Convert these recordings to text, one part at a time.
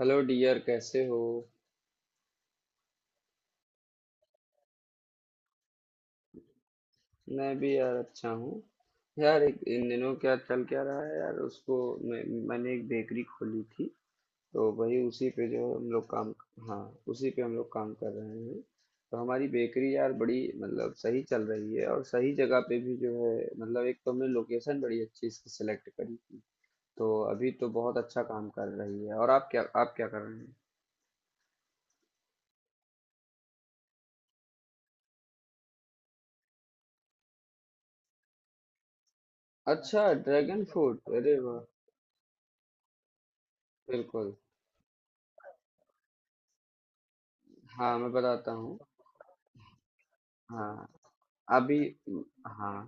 Hello dear, कैसे हो? मैं भी यार अच्छा हूँ। यार, एक इन दिनों क्या चल क्या रहा है यार? उसको मैं मैंने एक बेकरी खोली थी। तो वही उसी पे जो हम लोग काम हाँ, उसी पे हम लोग काम कर रहे हैं। तो हमारी बेकरी यार बड़ी मतलब सही चल रही है, और सही जगह पे भी जो है, मतलब एक तो हमने लोकेशन बड़ी अच्छी इसकी सेलेक्ट करी। तो अभी तो बहुत अच्छा काम कर रही है। और आप क्या कर रहे हैं? अच्छा, ड्रैगन फ्रूट, अरे वाह! बिल्कुल। हाँ, मैं बताता हूँ। हाँ, अभी, हाँ।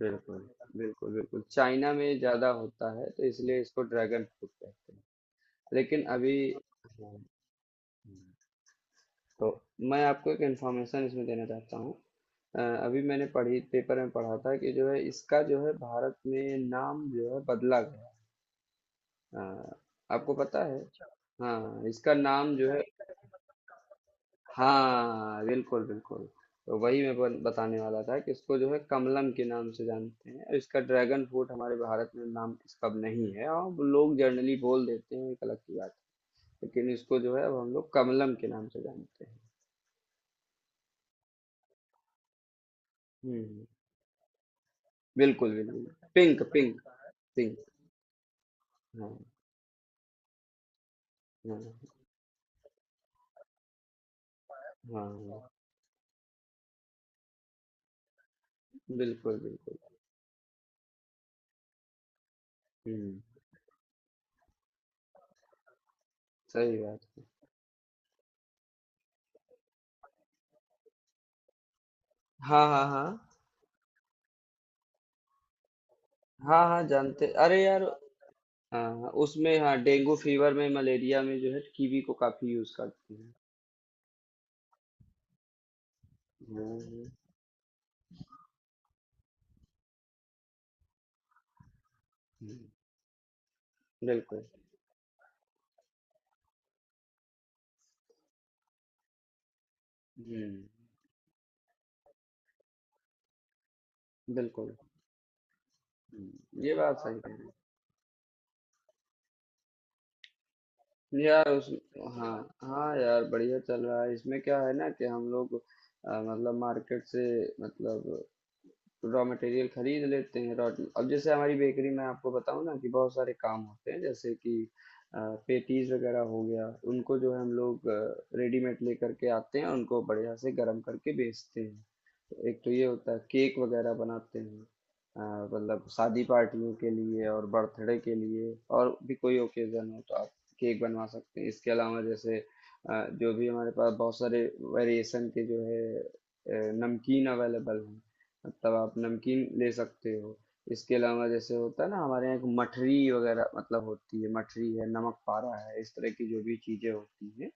बिल्कुल बिल्कुल। बिल्कुल, चाइना में ज़्यादा होता है तो इसलिए इसको ड्रैगन फ्रूट कहते हैं। लेकिन अभी, हाँ। तो मैं आपको एक इन्फॉर्मेशन इसमें देना चाहता हूँ। अ, अभी मैंने पढ़ी पेपर में पढ़ा था कि जो है इसका जो है भारत में नाम जो है बदला गया। अ, आपको पता है? हाँ, इसका नाम जो है। हाँ, बिल्कुल बिल्कुल। तो वही मैं बताने वाला था कि इसको जो है कमलम के नाम से जानते हैं। इसका ड्रैगन फ्रूट हमारे भारत में नाम इसका नहीं है, और वो लोग जनरली बोल देते हैं एक अलग की बात है। लेकिन इसको जो है अब हम लोग कमलम के नाम से जानते हैं। हम्म हम्म। बिल्कुल बिल्कुल। Pink pink. पिंक। हाँ हाँ हाँ। हाँ। बिल्कुल बिल्कुल। हम्म। सही बात है। हाँ हाँ हाँ। हाँ हाँ, जानते, अरे यार। हाँ, उसमें, हाँ, डेंगू फीवर में, मलेरिया में जो है, कीवी को काफी यूज करते हैं। हम्म। हम्म। बिल्कुल। हम्म। बिल्कुल। हम्म। ये बात सही कह रहे हैं यार। उस हाँ हाँ यार, बढ़िया चल रहा है। इसमें क्या है ना कि हम लोग मतलब मार्केट से, मतलब रॉ मटेरियल खरीद लेते हैं। रॉ अब जैसे हमारी बेकरी में आपको बताऊं ना कि बहुत सारे काम होते हैं, जैसे कि पेटीज वगैरह हो गया। उनको जो है हम लोग रेडीमेड लेकर के आते हैं, उनको बढ़िया से गर्म करके बेचते हैं। एक तो ये होता है, केक वगैरह बनाते हैं। अ, मतलब शादी पार्टियों के लिए और बर्थडे के लिए, और भी कोई ओकेजन हो तो आप केक बनवा सकते हैं। इसके अलावा जैसे, जो भी हमारे पास बहुत सारे वेरिएशन के जो है नमकीन अवेलेबल हैं, मतलब आप नमकीन ले सकते हो। इसके अलावा जैसे होता है ना, हमारे यहाँ एक मठरी वगैरह मतलब होती है, मठरी है, नमक पारा है, इस तरह की जो भी चीज़ें होती हैं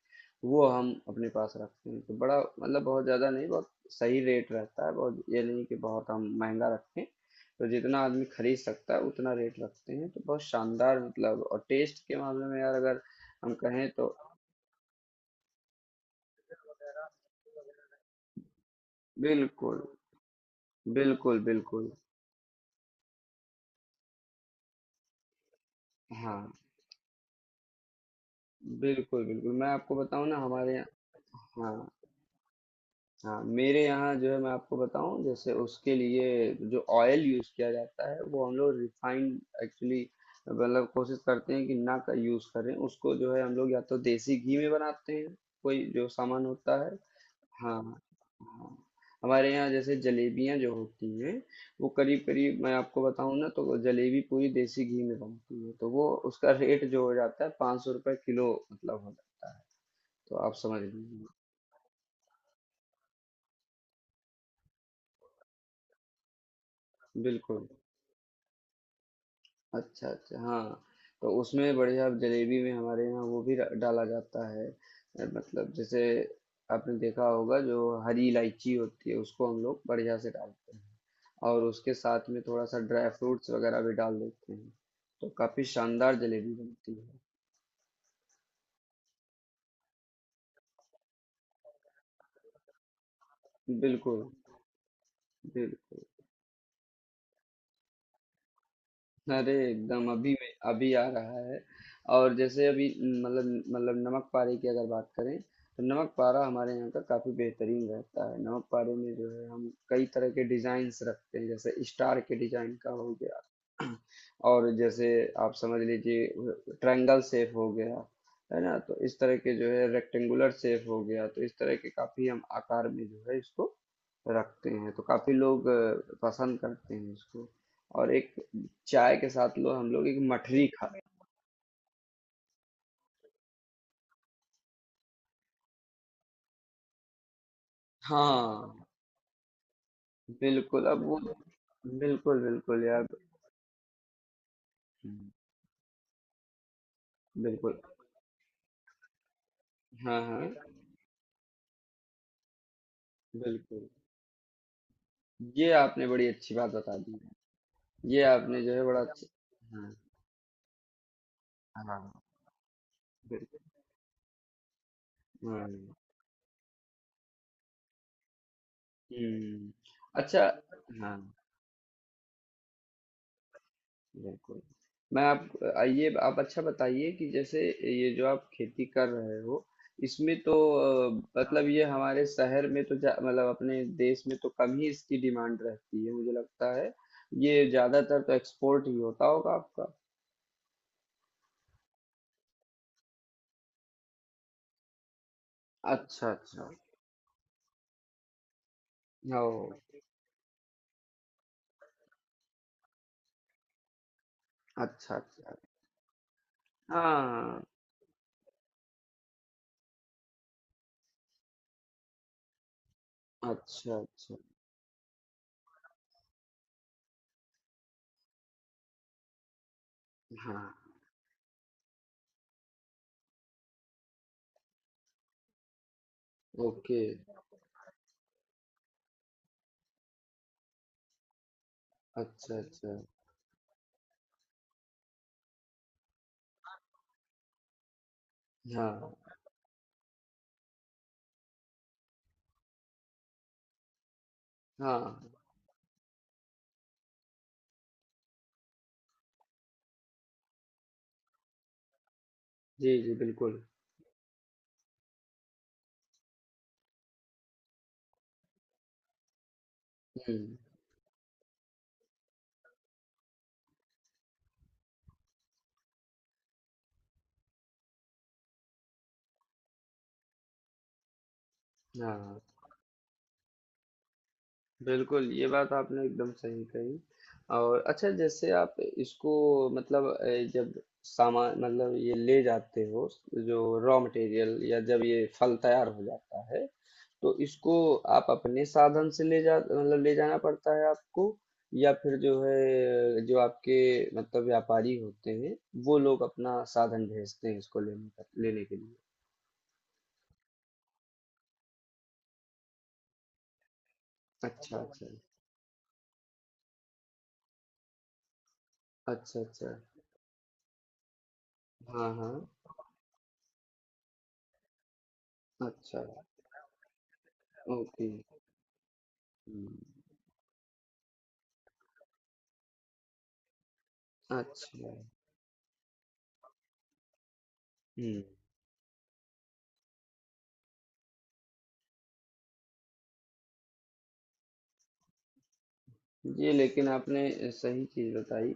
वो हम अपने पास रखते हैं। तो बड़ा, मतलब बहुत ज़्यादा नहीं, बहुत सही रेट रहता है, बहुत ये नहीं कि बहुत हम महंगा रखते हैं। तो जितना आदमी खरीद सकता है उतना रेट रखते हैं। तो बहुत शानदार, मतलब, और टेस्ट के मामले में यार अगर हम कहें तो बिल्कुल। बिल्कुल बिल्कुल। हाँ, बिल्कुल बिल्कुल, मैं आपको बताऊं ना, हमारे यहाँ। हाँ। हाँ, मेरे यहाँ जो है, मैं आपको बताऊं, जैसे उसके लिए जो ऑयल यूज किया जाता है वो हम लोग रिफाइंड एक्चुअली, मतलब कोशिश करते हैं कि ना का यूज करें। उसको जो है हम लोग या तो देसी घी में बनाते हैं, कोई जो सामान होता है। हाँ। हाँ, हमारे यहाँ जैसे जलेबियाँ जो होती हैं, वो करीब करीब, मैं आपको बताऊं ना, तो जलेबी पूरी देसी घी में बनती है। तो वो उसका रेट जो हो जाता है 500 रुपये किलो मतलब हो जाता है। तो आप समझ लीजिए। बिल्कुल। अच्छा अच्छा। हाँ, तो उसमें, बढ़िया जलेबी में हमारे यहाँ वो भी डाला जाता है। मतलब जैसे, आपने देखा होगा जो हरी इलायची होती है उसको हम लोग बढ़िया से डालते हैं, और उसके साथ में थोड़ा सा ड्राई फ्रूट्स वगैरह भी डाल देते हैं। तो काफी शानदार जलेबी बनती है। बिल्कुल। बिल- अरे एकदम, अभी में अभी आ रहा है। और जैसे अभी मतलब, नमक पारे की अगर बात करें, तो नमक पारा हमारे यहाँ का काफ़ी बेहतरीन रहता है। नमक पारे में जो है हम कई तरह के डिज़ाइंस रखते हैं, जैसे स्टार के डिज़ाइन का हो गया, और जैसे आप समझ लीजिए, ट्रायंगल शेप हो गया, है ना? तो इस तरह के जो है, रेक्टेंगुलर शेप हो गया, तो इस तरह के काफ़ी हम आकार में जो है इसको रखते हैं। तो काफ़ी लोग पसंद करते हैं इसको, और एक चाय के साथ लो, हम लोग एक मठरी खा रहे हैं। हाँ। बिल्कुल, अब वो, बिल्कुल बिल्कुल यार। बिल्कुल। हाँ हाँ। बिल्कुल, ये आपने बड़ी अच्छी बात बता दी है। ये आपने जो है बड़ा अच्छा, हाँ। हाँ, बिल्कुल। हाँ। हम्म। अच्छा। हाँ। बिल्कुल। मैं आप आइए, आप अच्छा बताइए कि जैसे, ये जो आप खेती कर रहे हो, इसमें तो मतलब ये हमारे शहर में तो मतलब अपने देश में तो कम ही इसकी डिमांड रहती है, मुझे लगता है। ये ज्यादातर तो एक्सपोर्ट ही होता होगा आपका। अच्छा अच्छा। ओ। अच्छा अच्छा। हाँ। अच्छा अच्छा। हाँ। ओके। अच्छा अच्छा। हाँ। हाँ। जी जी, बिल्कुल। हम्म। हाँ। बिल्कुल, ये बात आपने एकदम सही कही। और अच्छा, जैसे आप इसको, मतलब जब सामान, मतलब ये ले जाते हो, जो रॉ मटेरियल, या जब ये फल तैयार हो जाता है, तो इसको आप अपने साधन से ले जा, मतलब ले जाना पड़ता है आपको, या फिर जो है, जो आपके मतलब व्यापारी होते हैं, वो लोग अपना साधन भेजते हैं इसको लेने लेने के लिए। अच्छा अच्छा। अच्छा अच्छा। हाँ हाँ। अच्छा। ओके। हम्म। अच्छा। हम्म। ये लेकिन आपने सही चीज बताई,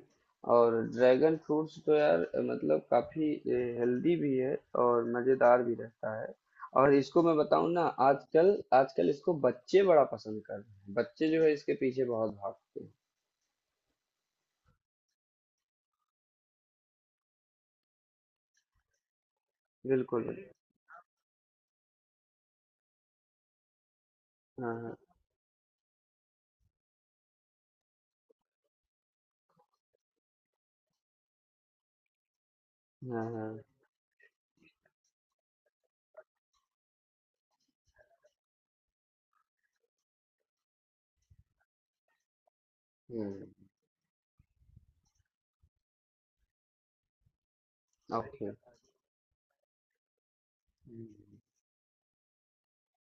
और ड्रैगन फ्रूट्स तो यार, मतलब काफी हेल्दी भी है, और मजेदार भी रहता है। और इसको मैं बताऊं ना, आजकल आजकल इसको बच्चे बड़ा पसंद कर रहे हैं, बच्चे जो है इसके पीछे बहुत भागते हैं। बिल्कुल बिल्कुल। हाँ हाँ हाँ। हाँ। हम्म। ओके,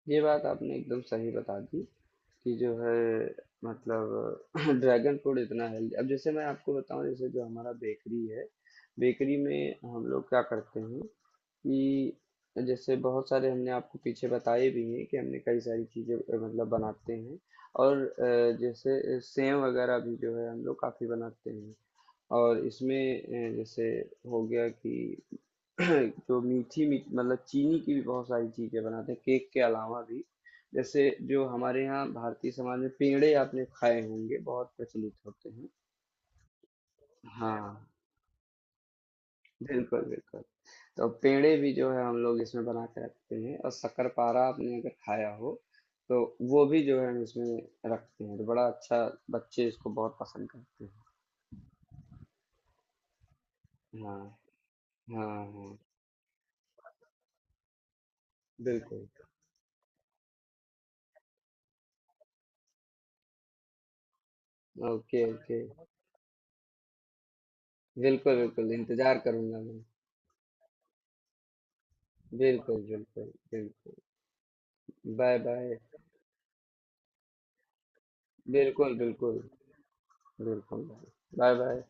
ये बात आपने एकदम सही बता दी कि जो है, मतलब ड्रैगन फ्रूट इतना हेल्दी। अब जैसे मैं आपको बताऊं, जैसे जो हमारा बेकरी है, बेकरी में हम लोग क्या करते हैं कि जैसे बहुत सारे हमने आपको पीछे बताए भी हैं कि हमने कई सारी चीज़ें मतलब बनाते हैं, और जैसे सेव वगैरह भी जो है हम लोग काफ़ी बनाते हैं। और इसमें जैसे हो गया कि, जो मीठी मी मतलब चीनी की भी बहुत सारी चीज़ें बनाते हैं केक के अलावा भी, जैसे जो हमारे यहाँ भारतीय समाज में पेड़े आपने खाए होंगे, बहुत प्रचलित होते हैं। हाँ। बिल्कुल बिल्कुल। तो पेड़े भी जो है हम लोग इसमें बना के रखते हैं, और शक्करपारा आपने अगर खाया हो, तो वो भी जो है हम इसमें रखते हैं। तो बड़ा अच्छा, बच्चे इसको बहुत पसंद करते हैं। हाँ हाँ। हाँ। बिल्कुल। Okay okay. बिल्कुल बिल्कुल, इंतजार करूंगा मैं। बिल्कुल बिल्कुल बिल्कुल। Bye bye. बिल्कुल बिल्कुल। बिल्कुल। Bye bye.